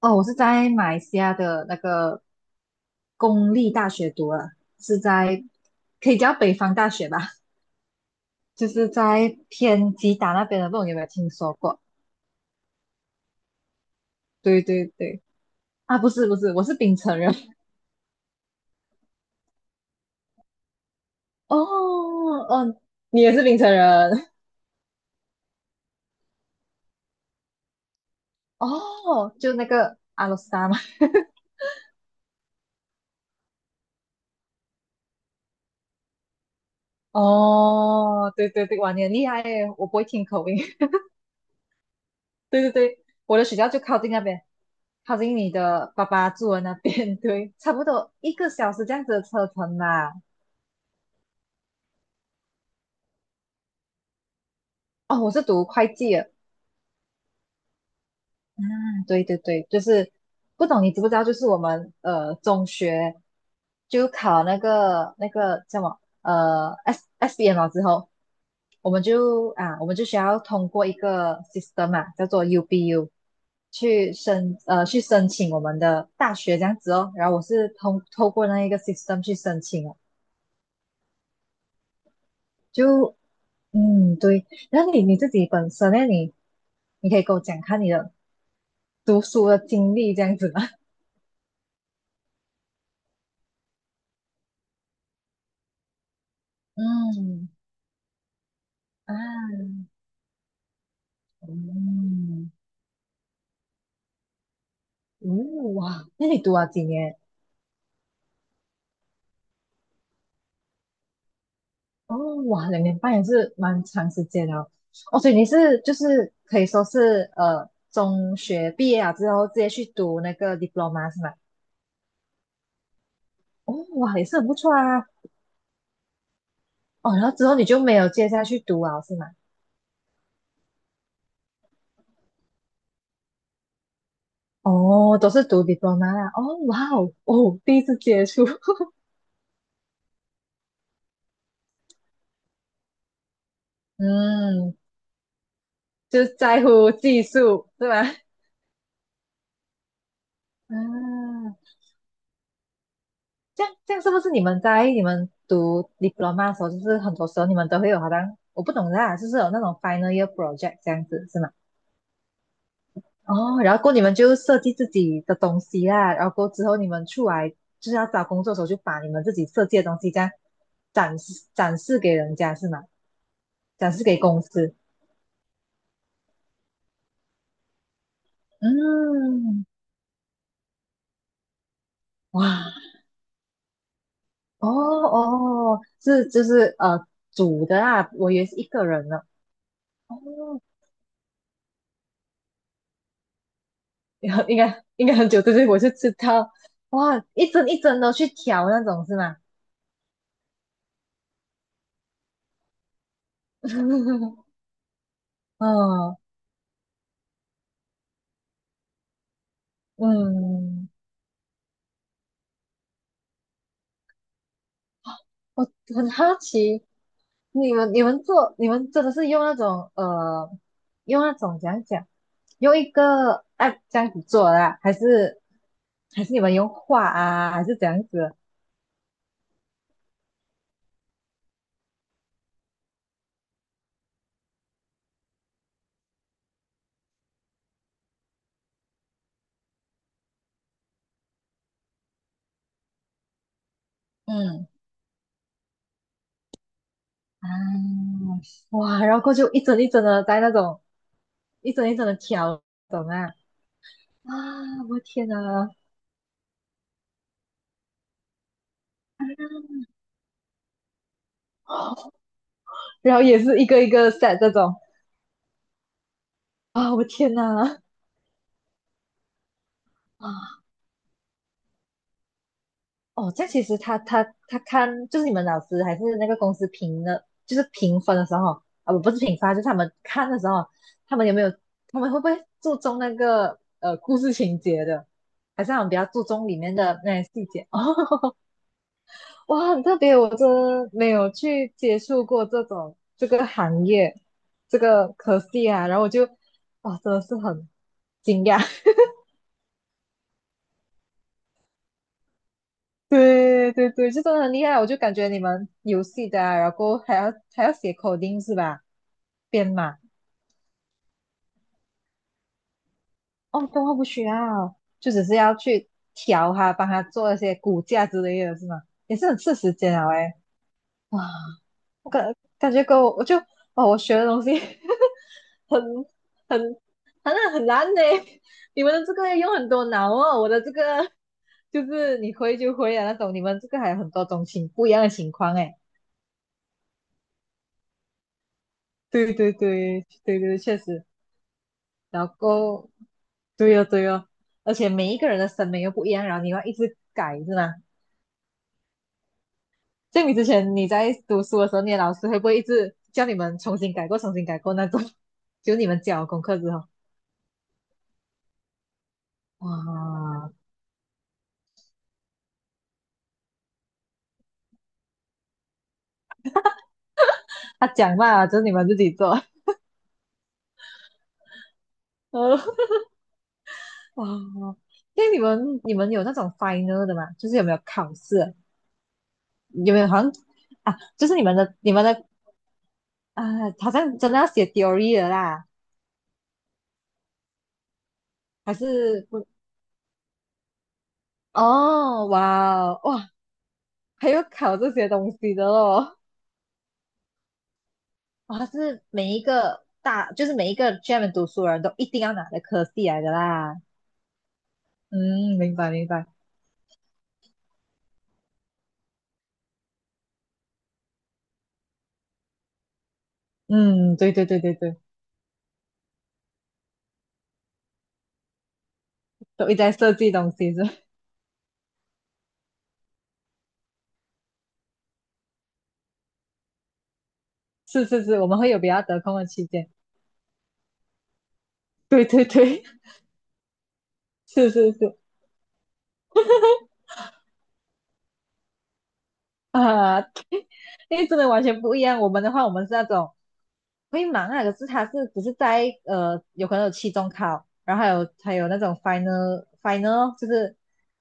哦，我是在马来西亚的那个公立大学读了，是在可以叫北方大学吧，就是在偏吉打那边的，不懂有没有听说过？对对对，啊，不是不是，我是槟城人。哦嗯，你也是槟城人？哦，就那个阿罗斯达嘛。哦，对对对，哇，你很厉害耶，我不会听口音。对对对，我的学校就靠近那边，靠近你的爸爸住的那边，对，差不多一个小时这样子的车程吧。哦，我是读会计的。嗯，对对对，就是不懂你知不知道？就是我们中学就考那个叫什么SSBM 了之后，我们就需要通过一个 system 嘛、叫做 UBU 去申请我们的大学这样子哦。然后我是透过那一个 system 去申请哦，就嗯对。然后你自己本身呢，你可以跟我讲看你的读书的经历这样子吗？嗯啊，嗯，嗯哇，那你读了几年？哦，哇，2年半也是蛮长时间了。哦，所以你是就是可以说是中学毕业了之后直接去读那个 diploma 是吗？哦，哇，也是很不错啊。哦，然后之后你就没有接下去读啊，是吗？哦，都是读 diploma 啦。哦，哇哦，哦，第一次接触，嗯，就是在乎技术是吧？嗯。这样是不是你们读 diploma 的时候，就是很多时候你们都会有好像我不懂啦，就是有那种 final year project 这样子是吗？哦，然后过后你们就设计自己的东西啦，然后过后之后你们出来就是要找工作的时候，就把你们自己设计的东西这样展示展示给人家是吗？展示给公司。嗯，哇，哦哦，是就是组的啊，我以为是一个人呢。哦，然后应该很久，之前我就知道，哇，一针一针的去挑那种是吗？嗯嗯，我很好奇，你们真的是用那种用那种怎样讲，用一个 app 这样子做的啊，还是你们用画啊，还是怎样子？嗯啊，哇，然后过去一针一针的在那种一针一针的挑，懂啊？啊，我的天哪！然后也是一个一个 set 这种啊，我天哪啊哦，这样其实他看就是你们老师还是那个公司评的，就是评分的时候啊，不是评分啊就是他们看的时候，他们有没有他们会不会注重那个故事情节的，还是他们比较注重里面的那些细节？哦，哇，很特别，我真的没有去接触过这种这个行业这个科系啊，然后我就哇，真的是很惊讶。对对对，这真的很厉害，我就感觉你们游戏的啊然后还要写 coding 是吧？编码哦，动画不需要，就只是要去调它，帮他做一些骨架之类的，是吗？也是很吃时间啊，哎，哇，我感觉跟我就哦，我学的东西 很很很难呢。你们的这个要用很多脑哦，我的这个 就是你会就会啊那种，你们这个还有很多种情不一样的情况哎。对对对对对，确实。然后，对呀、对呀、而且每一个人的审美又不一样，然后你要一直改，是吗？像你之前你在读书的时候，你的老师会不会一直叫你们重新改过、重新改过那种？就你们交功课之后，哇，他讲嘛，就是你们自己做，呃，哇，因为你们有那种 final 的嘛，就是有没有考试？有没有好像啊？就是你们的啊，好像真的要写 theory 的啦，还是不哦，哇哦，哇，还有考这些东西的哦，哇，是每一个大，就是每一个专门读书的人都一定要拿的科系来的啦。嗯，明白明白。嗯，对对对对对，都一直在设计东西是吧 是是是，我们会有比较得空的期间。对对对，是是是啊，因为真的完全不一样。我们的话，我们是那种。会忙啊，可是他是只是在有可能有期中考，然后还有那种 final，就是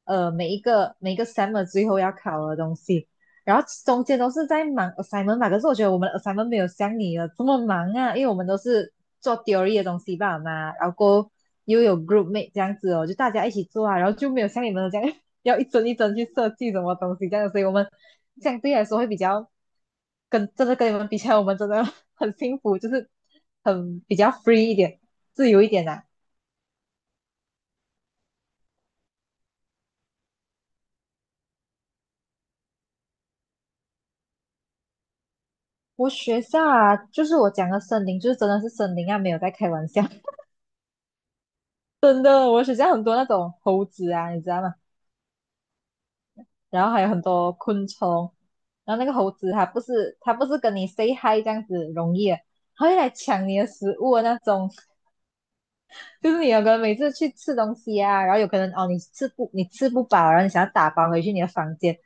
每一个 summer 最后要考的东西，然后中间都是在忙 assignment 吧。可是我觉得我们的 assignment 没有像你的这么忙啊，因为我们都是做 theory 的东西吧嘛，然后过后又有 group mate 这样子哦，就大家一起做啊，然后就没有像你们的这样 要一帧一帧去设计什么东西这样，所以我们相对来说会比较。真的跟你们比起来，我们真的很幸福，就是很比较 free 一点，自由一点啦、我学校啊，就是我讲的森林，就是真的是森林啊，没有在开玩笑，真的，我学校很多那种猴子啊，你知道吗？然后还有很多昆虫，然后那个猴子它不是跟你 say hi 这样子容易的它会来抢你的食物的那种。就是你有可能每次去吃东西啊，然后有可能哦，你吃不饱，然后你想要打包回去你的房间，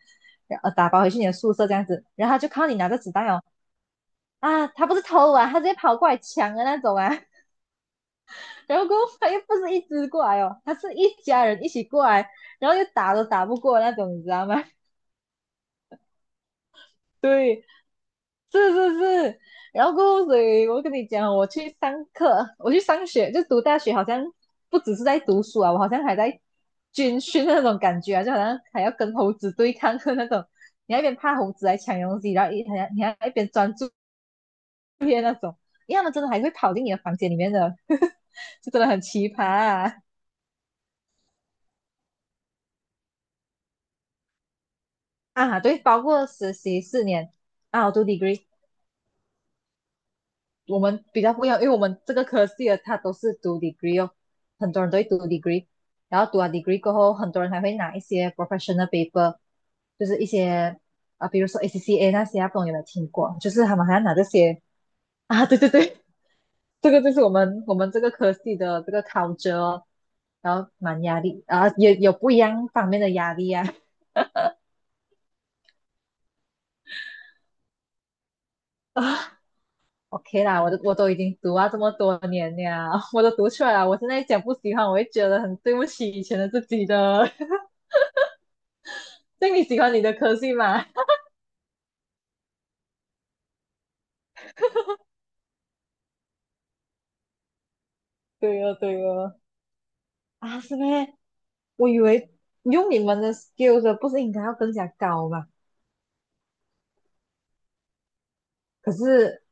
打包回去你的宿舍这样子，然后他就看到你拿着纸袋哦，啊，他不是偷啊，他直接跑过来抢的那种啊，然后过后他又不是一只过来哦，他是一家人一起过来，然后又打都打不过那种，你知道吗？对，是是是，然后过后所以我跟你讲，我去上课，我去上学，就读大学，好像不只是在读书啊，我好像还在军训的那种感觉啊，就好像还要跟猴子对抗的那种，你那一边怕猴子来抢东西，然后一还要你还要一边专注，因为他们真的还会跑进你的房间里面的，就真的很奇葩啊！啊，对，包括实习4年啊，我读 degree，我们比较不一样，因为我们这个科系的它都是读 degree 哦，很多人都会读 degree，然后读完 degree 过后，很多人还会拿一些 professional paper，就是一些啊，比如说 ACCA 那些啊，不懂有没有听过？就是他们还要拿这些 啊，对对对，这个就是我们这个科系的这个 culture，哦然后蛮压力啊，也有不一样方面的压力啊。OK 啦，我都已经读啊这么多年了，我都读出来了。我现在讲不喜欢，我会觉得很对不起以前的自己的。所你喜欢你的科系吗？对哦，对哦。啊，是咩？我以为用你们的 skills 不是应该要更加高吗？可是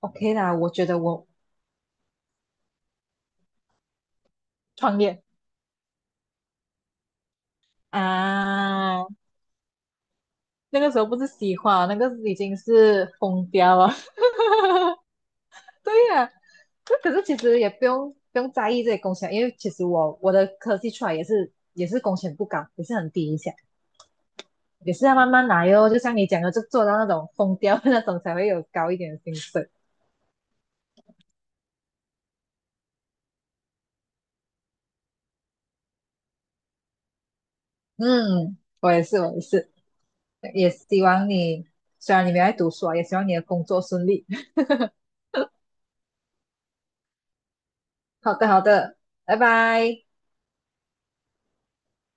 OK 啦，我觉得我创业啊，那个时候不是喜欢，那个已经是疯掉了。对呀、那可是其实也不用在意这些工钱，因为其实我的科技出来也是工钱不高，也是很低一下，也是要慢慢来哟。就像你讲的，就做到那种疯掉的那种才会有高一点的薪水。嗯，我也是，我也是，也希望你虽然你没有在读书啊，也希望你的工作顺利。好的，好的，拜拜。